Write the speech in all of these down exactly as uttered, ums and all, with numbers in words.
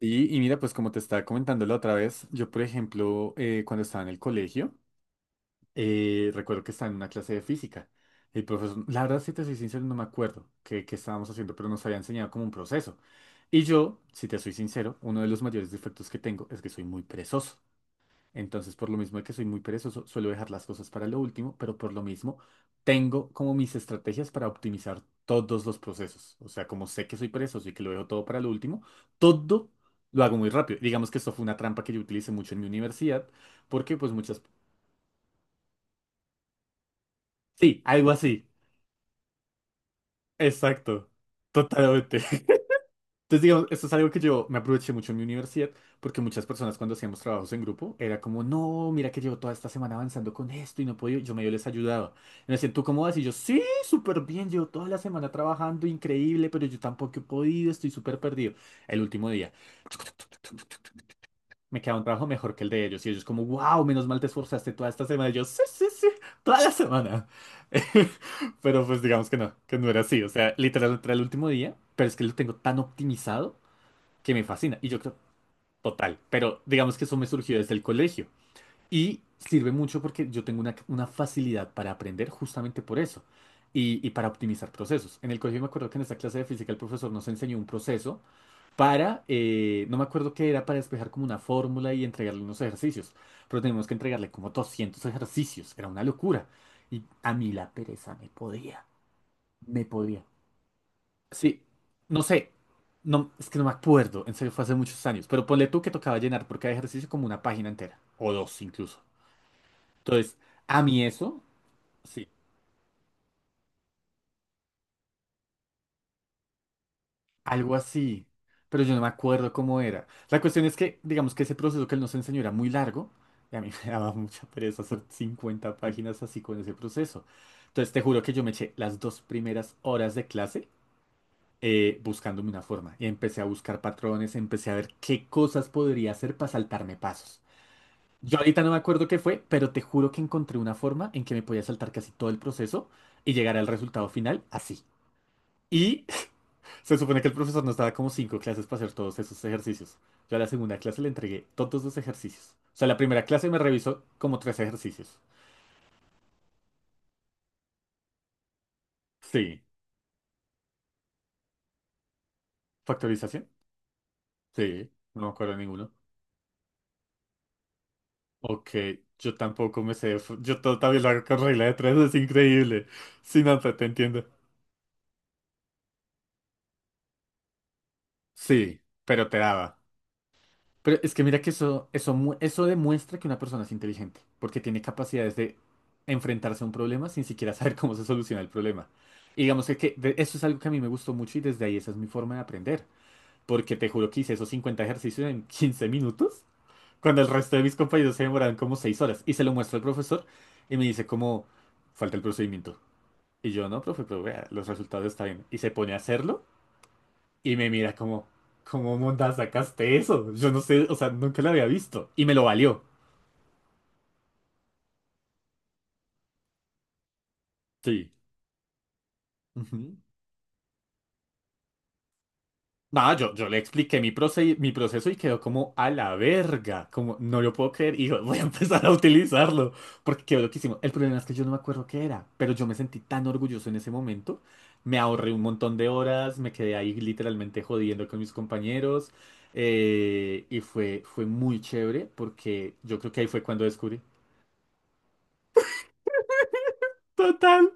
Y, y mira, pues como te estaba comentando la otra vez, yo por ejemplo, eh, cuando estaba en el colegio, eh, recuerdo que estaba en una clase de física. El profesor, la verdad, si te soy sincero, no me acuerdo qué, qué estábamos haciendo, pero nos había enseñado como un proceso. Y yo, si te soy sincero, uno de los mayores defectos que tengo es que soy muy perezoso. Entonces, por lo mismo de que soy muy perezoso, suelo dejar las cosas para lo último, pero por lo mismo tengo como mis estrategias para optimizar todos los procesos. O sea, como sé que soy perezoso y que lo dejo todo para lo último, todo lo hago muy rápido. Digamos que esto fue una trampa que yo utilicé mucho en mi universidad, porque pues muchas. Sí, algo así. Exacto. Totalmente. Entonces, digamos, esto es algo que yo me aproveché mucho en mi universidad, porque muchas personas cuando hacíamos trabajos en grupo, era como, no, mira que llevo toda esta semana avanzando con esto y no puedo, yo medio les ayudaba. Y me decían, ¿tú cómo vas? Y yo, sí, súper bien, llevo toda la semana trabajando, increíble, pero yo tampoco he podido, estoy súper perdido. El último día, me queda un trabajo mejor que el de ellos. Y ellos como, wow, menos mal te esforzaste toda esta semana. Y yo, sí, sí, sí, toda la semana. Pero pues digamos que no, que no era así. O sea, literal, era el último día, pero es que lo tengo tan optimizado que me fascina. Y yo creo, total, pero digamos que eso me surgió desde el colegio. Y sirve mucho porque yo tengo una, una facilidad para aprender justamente por eso y, y para optimizar procesos. En el colegio me acuerdo que en esa clase de física el profesor nos enseñó un proceso para, eh, no me acuerdo qué era, para despejar como una fórmula y entregarle unos ejercicios, pero teníamos que entregarle como doscientos ejercicios, era una locura. Y a mí la pereza me podía, me podía. Sí, no sé, no, es que no me acuerdo, en serio fue hace muchos años, pero ponle tú que tocaba llenar por cada ejercicio como una página entera, o dos incluso. Entonces, a mí eso, sí, algo así, pero yo no me acuerdo cómo era. La cuestión es que, digamos que ese proceso que él nos enseñó era muy largo, y a mí me daba mucha pereza hacer cincuenta páginas así con ese proceso. Entonces, te juro que yo me eché las dos primeras horas de clase eh, buscándome una forma, y empecé a buscar patrones, empecé a ver qué cosas podría hacer para saltarme pasos. Yo ahorita no me acuerdo qué fue, pero te juro que encontré una forma en que me podía saltar casi todo el proceso y llegar al resultado final así. Y se supone que el profesor nos daba como cinco clases para hacer todos esos ejercicios. Yo a la segunda clase le entregué todos los ejercicios. O sea, la primera clase me revisó como tres ejercicios. Sí. ¿Factorización? Sí. No me acuerdo de ninguno. Ok, yo tampoco me sé. f- Yo todo también lo hago con regla de tres, es increíble. Sí, no, te te entiendo. Sí, pero te daba. Pero es que mira que eso, eso, mu- eso demuestra que una persona es inteligente, porque tiene capacidades de enfrentarse a un problema sin siquiera saber cómo se soluciona el problema. Y digamos que, que de- eso es algo que a mí me gustó mucho y desde ahí esa es mi forma de aprender, porque te juro que hice esos cincuenta ejercicios en quince minutos, cuando el resto de mis compañeros se demoraron como seis horas. Y se lo muestro al profesor y me dice como, falta el procedimiento. Y yo, no, profe, pero vea, los resultados están bien. Y se pone a hacerlo. Y me mira como, ¿cómo monda sacaste eso? Yo no sé, o sea, nunca lo había visto. Y me lo valió. Sí. Ujú. Nada, yo, yo le expliqué mi, proce- mi proceso y quedó como a la verga, como no lo puedo creer y yo voy a empezar a utilizarlo porque quedó loquísimo. El problema es que yo no me acuerdo qué era, pero yo me sentí tan orgulloso en ese momento, me ahorré un montón de horas, me quedé ahí literalmente jodiendo con mis compañeros eh, y fue, fue muy chévere porque yo creo que ahí fue cuando descubrí. Total.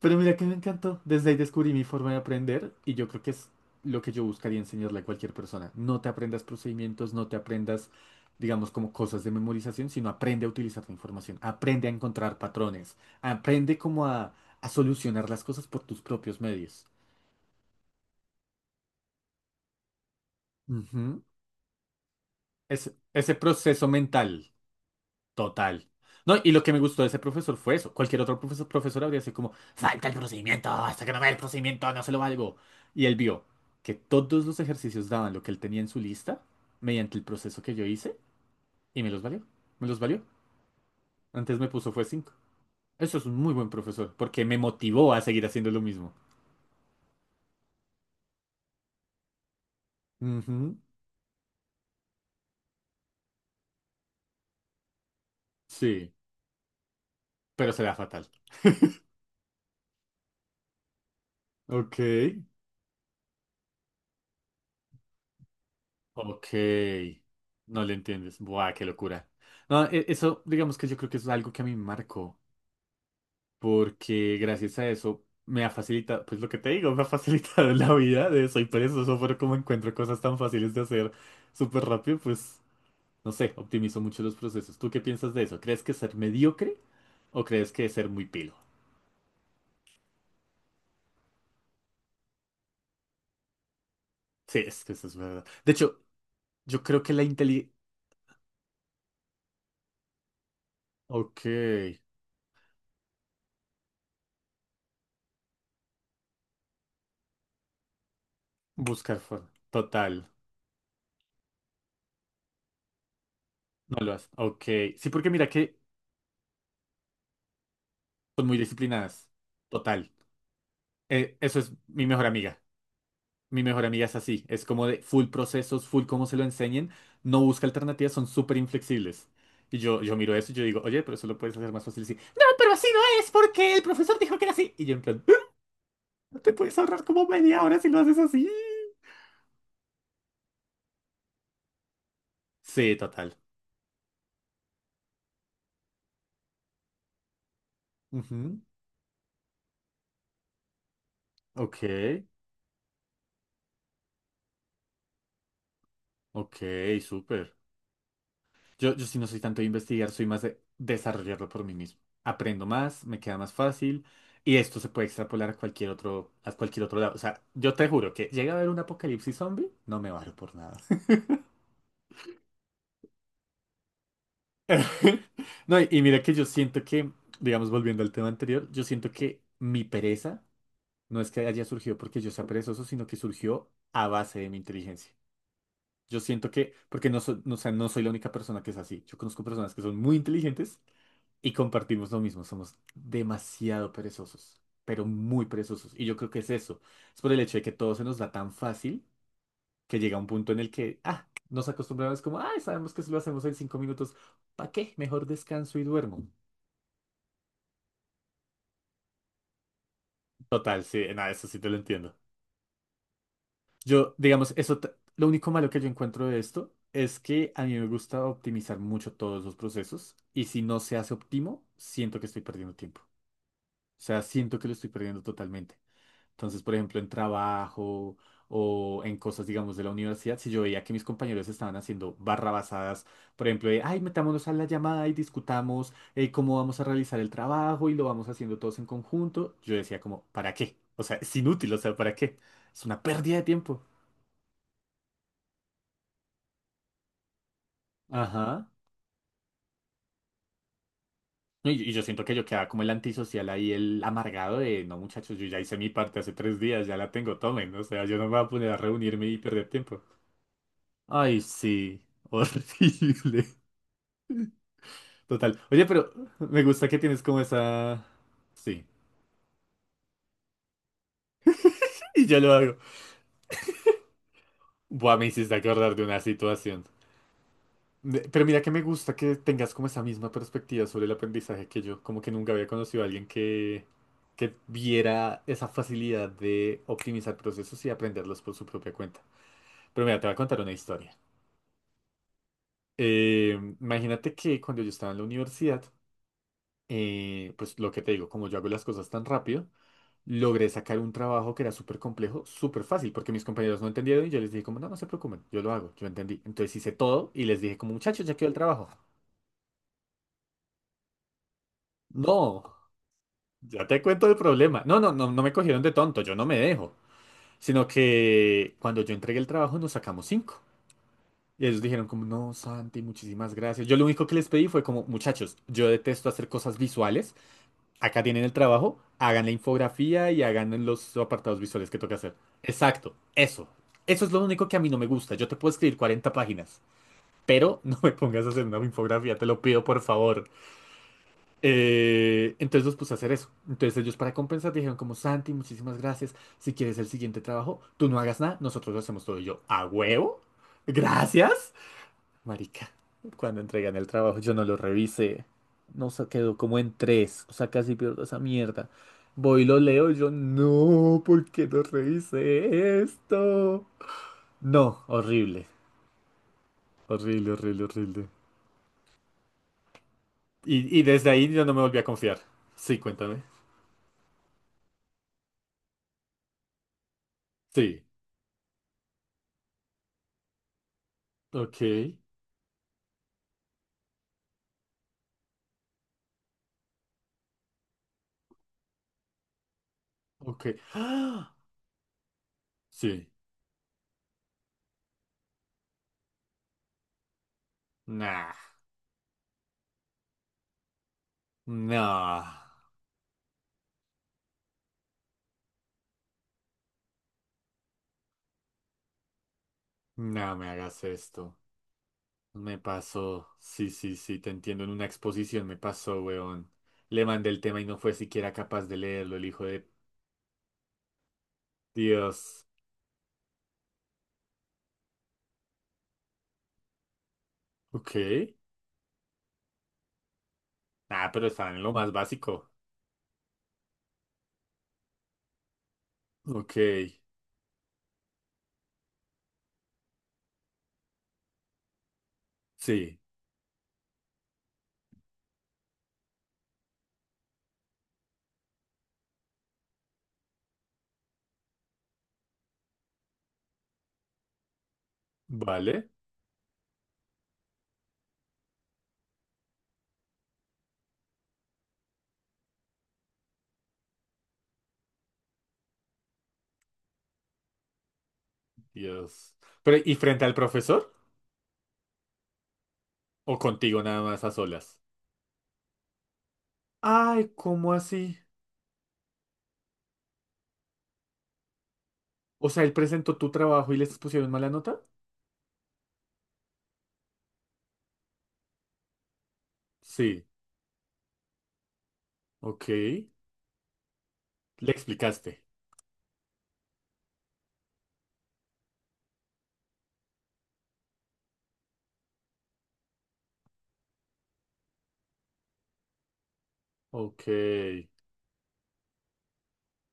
Pero mira que me encantó. Desde ahí descubrí mi forma de aprender y yo creo que es lo que yo buscaría enseñarle a cualquier persona. No te aprendas procedimientos, no te aprendas, digamos, como cosas de memorización, sino aprende a utilizar la información, aprende a encontrar patrones, aprende como a, a solucionar las cosas por tus propios medios. Ujú. Es- ese proceso mental. Total. No, y lo que me gustó de ese profesor fue eso. Cualquier otro profesor, profesor habría sido como, falta el procedimiento, hasta que no vea el procedimiento, no se lo valgo. Y él vio que todos los ejercicios daban lo que él tenía en su lista mediante el proceso que yo hice y me los valió. Me los valió. Antes me puso fue cinco. Eso es un muy buen profesor porque me motivó a seguir haciendo lo mismo. Ujú. Sí, pero será fatal. Ok. Ok. No le entiendes. Buah, qué locura. No, e- eso, digamos que yo creo que es algo que a mí me marcó. Porque gracias a eso me ha facilitado, pues lo que te digo, me ha facilitado la vida de soy perezoso, pero como encuentro cosas tan fáciles de hacer súper rápido, pues no sé, optimizo mucho los procesos. ¿Tú qué piensas de eso? ¿Crees que ser mediocre o crees que ser muy pilo? Sí, es que eso es verdad. De hecho, yo creo que la inteligencia. Ok, buscar forma. Total, no lo haces. Ok, sí, porque mira que son muy disciplinadas. Total. Eh, eso es mi mejor amiga. Mi mejor amiga es así, es como de full procesos, full cómo se lo enseñen, no busca alternativas, son súper inflexibles. Y yo, yo miro eso y yo digo, oye, pero eso lo puedes hacer más fácil así. No, pero así no es, porque el profesor dijo que era así. Y yo en plan, "Ah, te puedes ahorrar como media hora si lo haces así". Sí, total. Ujú. Ok, ok, súper. Yo, yo sí no soy tanto de investigar, soy más de desarrollarlo por mí mismo. Aprendo más, me queda más fácil y esto se puede extrapolar a cualquier otro, a cualquier otro lado. O sea, yo te juro que llega a haber un apocalipsis zombie, no me varo por nada. No, y, y mira que yo siento que, digamos, volviendo al tema anterior, yo siento que mi pereza no es que haya surgido porque yo sea perezoso, sino que surgió a base de mi inteligencia. Yo siento que, porque no, so- no, o sea, no soy la única persona que es así. Yo conozco personas que son muy inteligentes y compartimos lo mismo, somos demasiado perezosos, pero muy perezosos. Y yo creo que es eso. Es por el hecho de que todo se nos da tan fácil que llega un punto en el que, ah, nos acostumbramos como, ah, sabemos que si lo hacemos en cinco minutos, ¿para qué? Mejor descanso y duermo. Total, sí, nada, eso sí te lo entiendo. Yo, digamos, eso, t- lo único malo que yo encuentro de esto es que a mí me gusta optimizar mucho todos los procesos y si no se hace óptimo, siento que estoy perdiendo tiempo. O sea, siento que lo estoy perdiendo totalmente. Entonces, por ejemplo, en trabajo o en cosas, digamos, de la universidad, si yo veía que mis compañeros estaban haciendo barrabasadas, por ejemplo, de, ay, metámonos a la llamada y discutamos eh, cómo vamos a realizar el trabajo y lo vamos haciendo todos en conjunto, yo decía como, ¿para qué? O sea, es inútil, o sea, ¿para qué? Es una pérdida de tiempo. Ajá. No, Y, y yo siento que yo quedaba como el antisocial ahí, el amargado de, no, muchachos, yo ya hice mi parte hace tres días, ya la tengo, tomen, o sea, yo no me voy a poner a reunirme y perder tiempo. Ay, sí, horrible. Total. Oye, pero me gusta que tienes como esa. Sí. Y ya lo hago. Buah, me hiciste acordar de una situación. De- Pero mira que me gusta que tengas como esa misma perspectiva sobre el aprendizaje que yo. Como que nunca había conocido a alguien que, que viera esa facilidad de optimizar procesos y aprenderlos por su propia cuenta. Pero mira, te voy a contar una historia. Eh, imagínate que cuando yo estaba en la universidad, eh, pues lo que te digo, como yo hago las cosas tan rápido, logré sacar un trabajo que era súper complejo, súper fácil, porque mis compañeros no entendieron y yo les dije como, no, no se preocupen, yo lo hago, yo entendí. Entonces hice todo y les dije como, muchachos, ya quedó el trabajo. No, ya te cuento el problema. No, no, no, no me cogieron de tonto, yo no me dejo. Sino que cuando yo entregué el trabajo nos sacamos cinco. Y ellos dijeron como, no, Santi, muchísimas gracias. Yo lo único que les pedí fue como, muchachos, yo detesto hacer cosas visuales. Acá tienen el trabajo, hagan la infografía y hagan los apartados visuales que toca hacer. Exacto, eso. Eso es lo único que a mí no me gusta. Yo te puedo escribir cuarenta páginas, pero no me pongas a hacer una infografía, te lo pido por favor. Eh, entonces los puse a hacer eso. Entonces ellos para compensar dijeron como Santi, muchísimas gracias. Si quieres el siguiente trabajo, tú no hagas nada, nosotros lo hacemos todo. Y yo, ¿a huevo? Gracias. Marica, cuando entregan el trabajo yo no lo revisé. No se quedó como en tres. O sea, casi pierdo esa mierda. Voy y lo leo, yo no, ¿por qué no revisé esto? No, horrible. Horrible, horrible, horrible. Y, y desde ahí yo no me volví a confiar. Sí, cuéntame. Sí. Ok. Ok. ¡Ah! Sí. Nah. No. No me hagas esto. Me pasó, sí, sí, sí, te entiendo. En una exposición me pasó, weón. Le mandé el tema y no fue siquiera capaz de leerlo, el hijo de Dios. Ok. Ah, pero estaban en lo más básico. Ok, sí, vale. Dios. Pero, ¿y frente al profesor? ¿O contigo nada más a solas? Ay, ¿cómo así? O sea, ¿él presentó tu trabajo y les pusieron mala nota? Sí, ok. Le explicaste. Ok.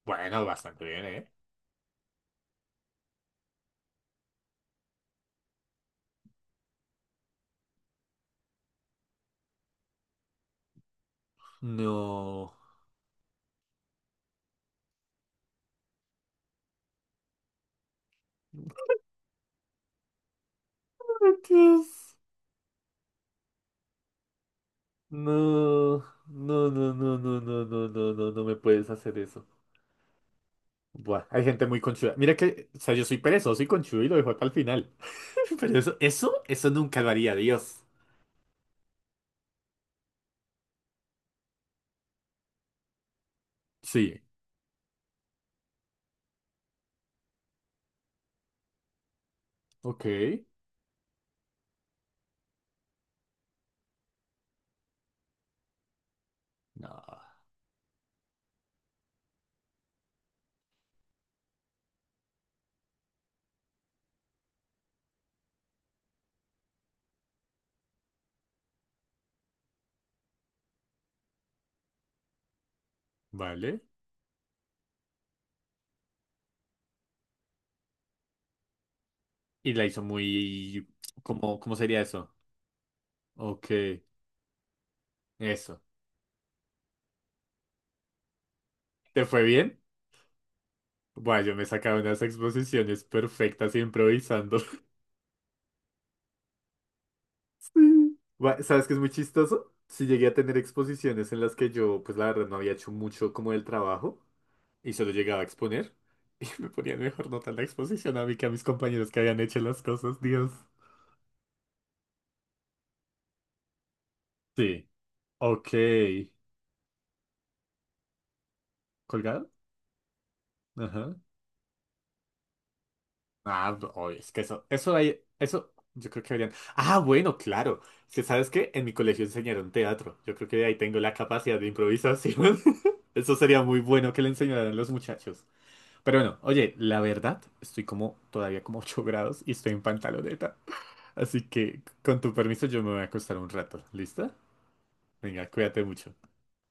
Bueno, bastante bien, ¿eh? No. Entonces, no, no, no, no, no, no, no, no, no, no me puedes hacer eso. Buah, hay gente muy conchuda. Mira que, o sea, yo soy perezoso y conchudo y lo dejo para el final. Pero eso, eso, eso nunca lo haría, Dios. Sí, ok. No, vale. Y la hizo muy... ¿Cómo, cómo sería eso? Ok, eso. ¿Te fue bien? Buah, yo me he sacado unas exposiciones perfectas improvisando. Gua- ¿Sabes qué es muy chistoso? Si llegué a tener exposiciones en las que yo, pues la verdad, no había hecho mucho como del trabajo y solo llegaba a exponer y me ponían mejor nota en la exposición a mí que a mis compañeros que habían hecho las cosas, Dios. Sí. Ok. ¿Colgado? Ajá. Ah, no, oye, es que eso, eso hay, eso yo creo que habrían. Ah, bueno, claro. Es que sabes que en mi colegio enseñaron teatro. Yo creo que de ahí tengo la capacidad de improvisación. Eso sería muy bueno que le enseñaran a los muchachos. Pero bueno, oye, la verdad, estoy como todavía como ocho grados y estoy en pantaloneta. Así que, con tu permiso, yo me voy a acostar un rato. ¿Lista? Venga, cuídate mucho.